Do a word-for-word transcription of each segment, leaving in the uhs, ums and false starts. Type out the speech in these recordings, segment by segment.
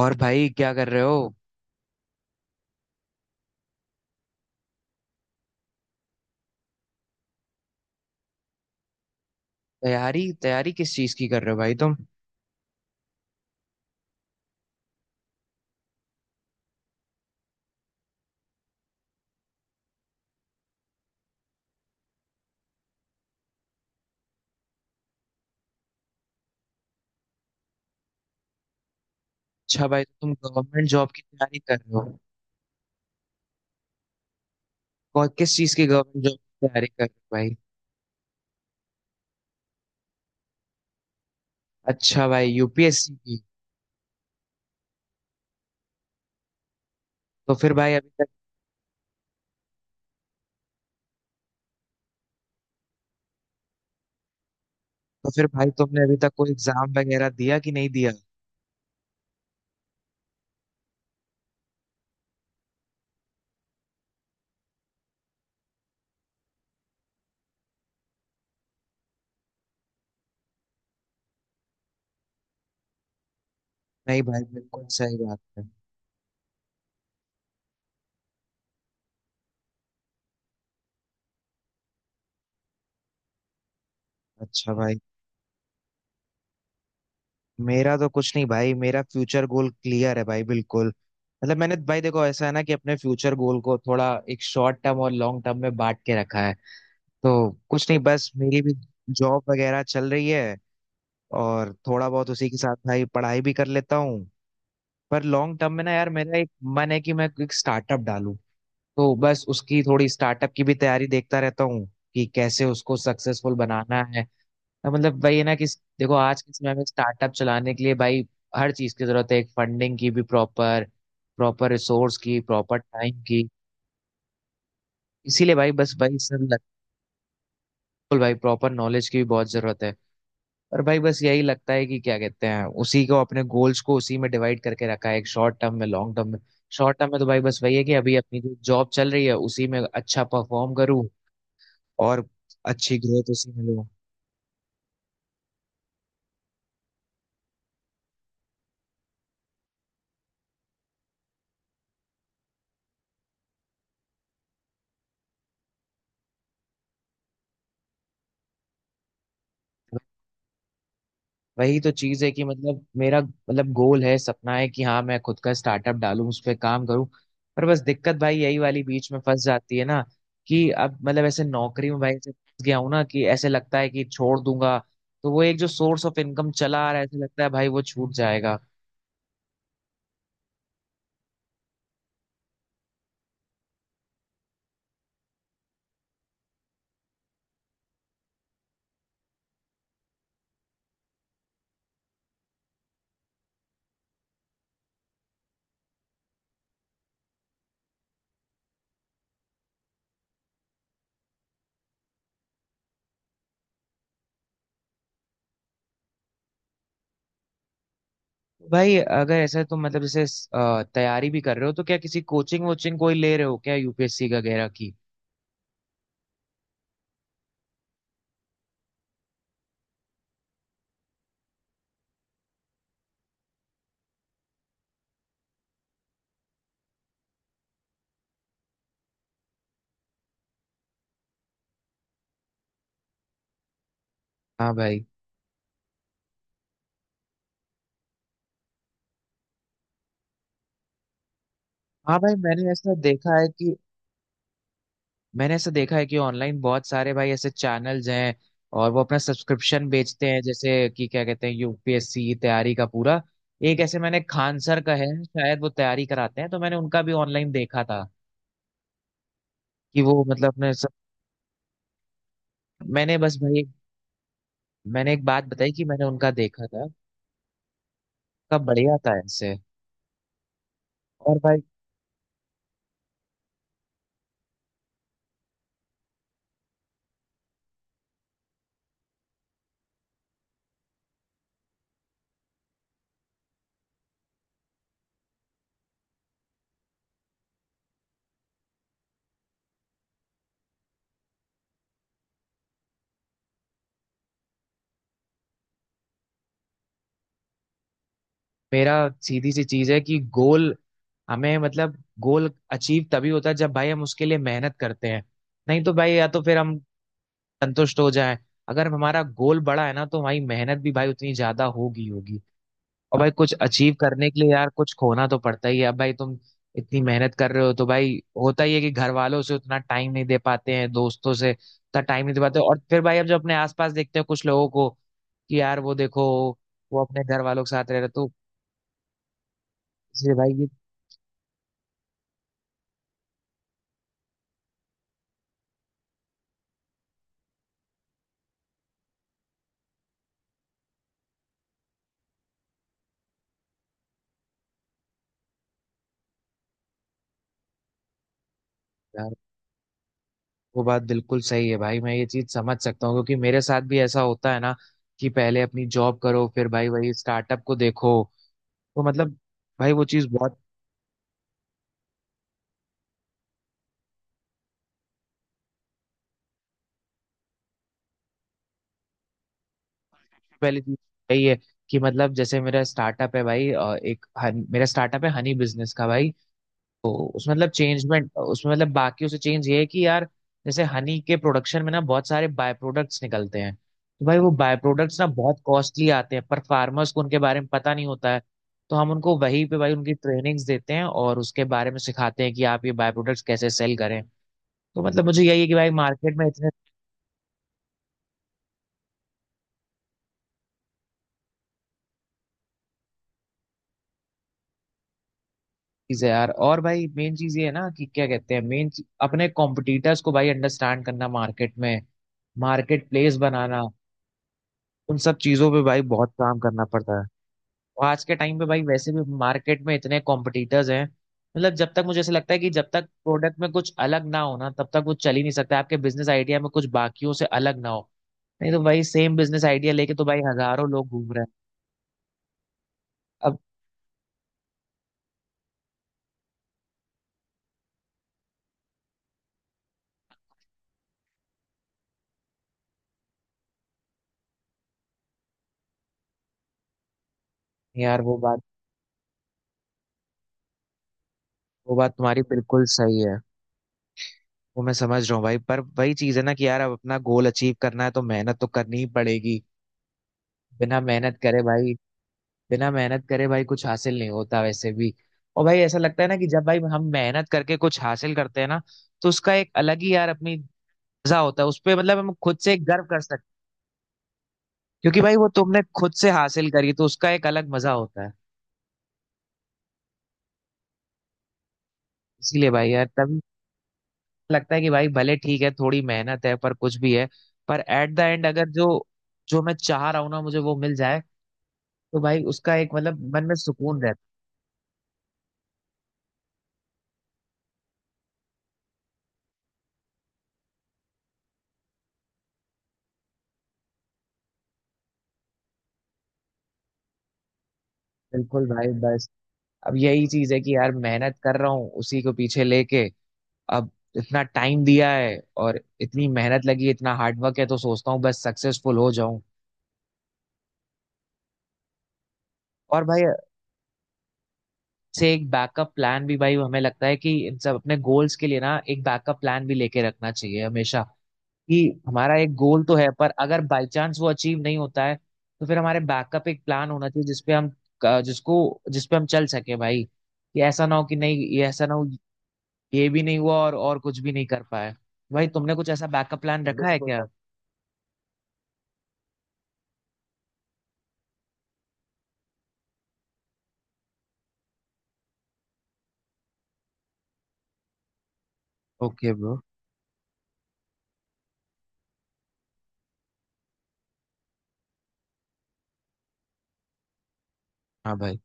और भाई क्या कर रहे हो। तैयारी तैयारी किस चीज की कर रहे हो भाई तुम। अच्छा भाई तो तुम गवर्नमेंट जॉब की तैयारी कर रहे हो। कौन किस चीज की गवर्नमेंट जॉब की तैयारी कर रहे हो भाई। अच्छा भाई यूपीएससी की। तो फिर भाई अभी तक, तो फिर भाई तुमने अभी तक कोई एग्जाम वगैरह दिया कि नहीं दिया। नहीं भाई बिल्कुल सही बात है। अच्छा भाई। मेरा तो कुछ नहीं भाई, मेरा फ्यूचर गोल क्लियर है भाई बिल्कुल। मतलब मैंने भाई देखो ऐसा है ना कि अपने फ्यूचर गोल को थोड़ा एक शॉर्ट टर्म और लॉन्ग टर्म में बांट के रखा है। तो कुछ नहीं बस मेरी भी जॉब वगैरह चल रही है, और थोड़ा बहुत उसी के साथ भाई पढ़ाई भी कर लेता हूँ। पर लॉन्ग टर्म में ना यार मेरा एक मन है कि मैं एक स्टार्टअप डालूं। तो बस उसकी थोड़ी स्टार्टअप की भी तैयारी देखता रहता हूँ कि कैसे उसको सक्सेसफुल बनाना है। तो मतलब वही है ना कि देखो आज के समय में स्टार्टअप चलाने के लिए भाई हर चीज की जरूरत है, एक फंडिंग की भी, प्रॉपर प्रॉपर रिसोर्स की, प्रॉपर टाइम की। इसीलिए भाई बस भाई सर बिल्कुल। भाई प्रॉपर नॉलेज की भी बहुत जरूरत है। और भाई बस यही लगता है कि क्या कहते हैं उसी को अपने गोल्स को उसी में डिवाइड करके रखा है, एक शॉर्ट टर्म में लॉन्ग टर्म में। शॉर्ट टर्म में तो भाई बस वही है कि अभी अपनी जो जॉब चल रही है उसी में अच्छा परफॉर्म करूँ और अच्छी ग्रोथ उसी में लूँ। वही तो चीज है कि मतलब मेरा मतलब गोल है, सपना है कि हाँ मैं खुद का स्टार्टअप डालूं, उस पर काम करूं। पर बस दिक्कत भाई यही वाली बीच में फंस जाती है ना कि अब मतलब ऐसे नौकरी में भाई ऐसे फंस गया हूं ना कि ऐसे लगता है कि छोड़ दूंगा तो वो एक जो सोर्स ऑफ इनकम चला आ रहा है ऐसे लगता है भाई वो छूट जाएगा। भाई अगर ऐसा तो मतलब जैसे अ, तैयारी भी कर रहे हो तो क्या किसी कोचिंग वोचिंग कोई ले रहे हो क्या यूपीएससी वगैरह की। हाँ भाई। हाँ भाई मैंने ऐसा देखा है कि, मैंने ऐसा देखा है कि ऑनलाइन बहुत सारे भाई ऐसे चैनल्स हैं और वो अपना सब्सक्रिप्शन बेचते हैं जैसे कि क्या कहते हैं यूपीएससी की तैयारी का पूरा एक ऐसे मैंने खान सर का है शायद, वो तैयारी कराते हैं तो मैंने उनका भी ऑनलाइन देखा था कि वो मतलब अपने सब मैंने बस भाई मैंने एक बात बताई कि मैंने उनका देखा था, कब बढ़िया था ऐसे। और भाई मेरा सीधी सी चीज है कि गोल हमें मतलब गोल अचीव तभी होता है जब भाई हम उसके लिए मेहनत करते हैं। नहीं तो भाई या तो फिर हम संतुष्ट हो जाए। अगर हमारा गोल बड़ा है ना तो हमारी मेहनत भी भाई उतनी ज्यादा होगी होगी। और भाई कुछ अचीव करने के लिए यार कुछ खोना तो पड़ता ही है। अब भाई तुम इतनी मेहनत कर रहे हो तो भाई होता ही है कि घर वालों से उतना टाइम नहीं दे पाते हैं, दोस्तों से उतना टाइम नहीं दे पाते। और फिर भाई अब जब अपने आसपास देखते हैं कुछ लोगों को कि यार वो देखो वो अपने घर वालों के साथ रह रहे तो इसलिए भाई ये। यार वो बात बिल्कुल सही है भाई, मैं ये चीज समझ सकता हूँ क्योंकि मेरे साथ भी ऐसा होता है ना कि पहले अपनी जॉब करो फिर भाई वही स्टार्टअप को देखो। वो मतलब भाई वो चीज बहुत। पहली चीज यही है कि मतलब जैसे मेरा स्टार्टअप है भाई अ, एक हन, मेरा स्टार्टअप है हनी बिजनेस का भाई। तो उसमें मतलब चेंजमेंट उसमें मतलब बाकी उसे चेंज ये है कि यार जैसे हनी के प्रोडक्शन में ना बहुत सारे बाय प्रोडक्ट्स निकलते हैं तो भाई वो बाय प्रोडक्ट्स ना बहुत कॉस्टली आते हैं पर फार्मर्स को उनके बारे में पता नहीं होता है। तो हम उनको वहीं पे भाई उनकी ट्रेनिंग्स देते हैं और उसके बारे में सिखाते हैं कि आप ये बाय प्रोडक्ट्स कैसे सेल करें। तो मतलब मुझे यही है कि भाई मार्केट में इतने चीज है यार। और भाई मेन चीज ये है ना कि क्या कहते हैं मेन अपने कॉम्पिटिटर्स को भाई अंडरस्टैंड करना, मार्केट में मार्केट प्लेस बनाना, उन सब चीजों पे भाई बहुत काम करना पड़ता है। और आज के टाइम पे भाई वैसे भी मार्केट में इतने कॉम्पिटिटर्स हैं, मतलब जब तक मुझे ऐसा लगता है कि जब तक प्रोडक्ट में कुछ अलग ना हो ना तब तक वो चल ही नहीं सकता, आपके बिजनेस आइडिया में कुछ बाकियों से अलग ना हो। नहीं तो भाई सेम बिजनेस आइडिया लेके तो भाई हजारों लोग घूम रहे हैं। अब यार वो बात, वो बात तुम्हारी बिल्कुल सही है। वो मैं समझ रहा हूँ भाई पर वही चीज है ना कि यार अब अपना गोल अचीव करना है तो मेहनत तो करनी ही पड़ेगी। बिना मेहनत करे भाई बिना मेहनत करे भाई कुछ हासिल नहीं होता वैसे भी। और भाई ऐसा लगता है ना कि जब भाई हम मेहनत करके कुछ हासिल करते हैं ना तो उसका एक अलग ही यार अपनी मजा होता है, उस पे मतलब हम खुद से एक गर्व कर सकते हैं। क्योंकि भाई वो तुमने खुद से हासिल करी तो उसका एक अलग मजा होता है। इसीलिए भाई यार तभी लगता है कि भाई भले ठीक है थोड़ी मेहनत है पर कुछ भी है, पर एट द एंड अगर जो जो मैं चाह रहा हूँ ना मुझे वो मिल जाए तो भाई उसका एक मतलब मन में सुकून रहता है। बिल्कुल भाई बस अब यही चीज है कि यार मेहनत कर रहा हूँ उसी को पीछे लेके। अब इतना टाइम दिया है और इतनी मेहनत लगी, इतना हार्डवर्क है, तो सोचता हूँ बस सक्सेसफुल हो जाऊं। और भाई से एक बैकअप प्लान भी, भाई हमें लगता है कि इन सब अपने गोल्स के लिए ना एक बैकअप प्लान भी लेके रखना चाहिए हमेशा। कि हमारा एक गोल तो है पर अगर बाई चांस वो अचीव नहीं होता है तो फिर हमारे बैकअप एक प्लान होना चाहिए जिसपे हम अ, जिसको जिसपे हम चल सके भाई कि ऐसा ना हो कि नहीं ये ऐसा ना हो, ये भी नहीं हुआ और और कुछ भी नहीं कर पाए। भाई तुमने कुछ ऐसा बैकअप प्लान रखा है बिल्कुल क्या। भाई ओके ब्रो। हाँ भाई।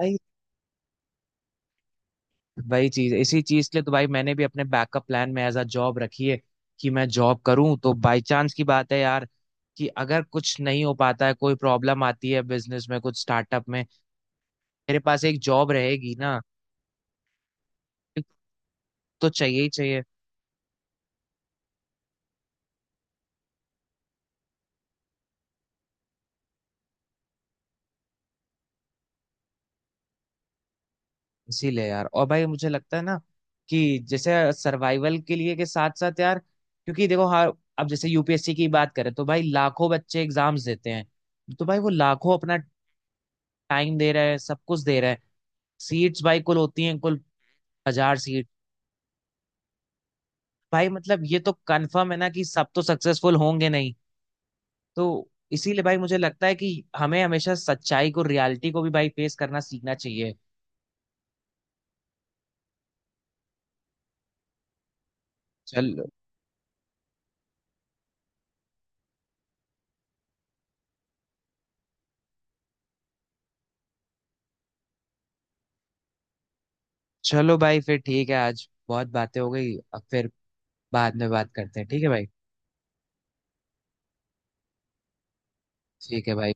भाई वही चीज, इसी चीज के लिए तो भाई मैंने भी अपने बैकअप प्लान में एज अ जॉब रखी है। कि मैं जॉब करूं तो बाय चांस की बात है यार कि अगर कुछ नहीं हो पाता है, कोई प्रॉब्लम आती है बिजनेस में कुछ स्टार्टअप में, मेरे पास एक जॉब रहेगी ना। एक तो चाहिए ही चाहिए। इसीलिए यार, और भाई मुझे लगता है ना कि जैसे सर्वाइवल के लिए के साथ साथ यार क्योंकि देखो हाँ अब जैसे यूपीएससी की बात करें तो भाई लाखों बच्चे एग्जाम्स देते हैं, तो भाई वो लाखों अपना टाइम दे रहे हैं सब कुछ दे रहे हैं। सीट्स भाई कुल होती हैं कुल हजार सीट। भाई मतलब ये तो कंफर्म है ना कि सब तो सक्सेसफुल होंगे नहीं। तो इसीलिए भाई मुझे लगता है कि हमें हमेशा सच्चाई को, रियलिटी को भी भाई फेस करना सीखना चाहिए। चल चलो भाई फिर ठीक है, आज बहुत बातें हो गई, अब फिर बाद में बात करते हैं ठीक है भाई। ठीक है भाई।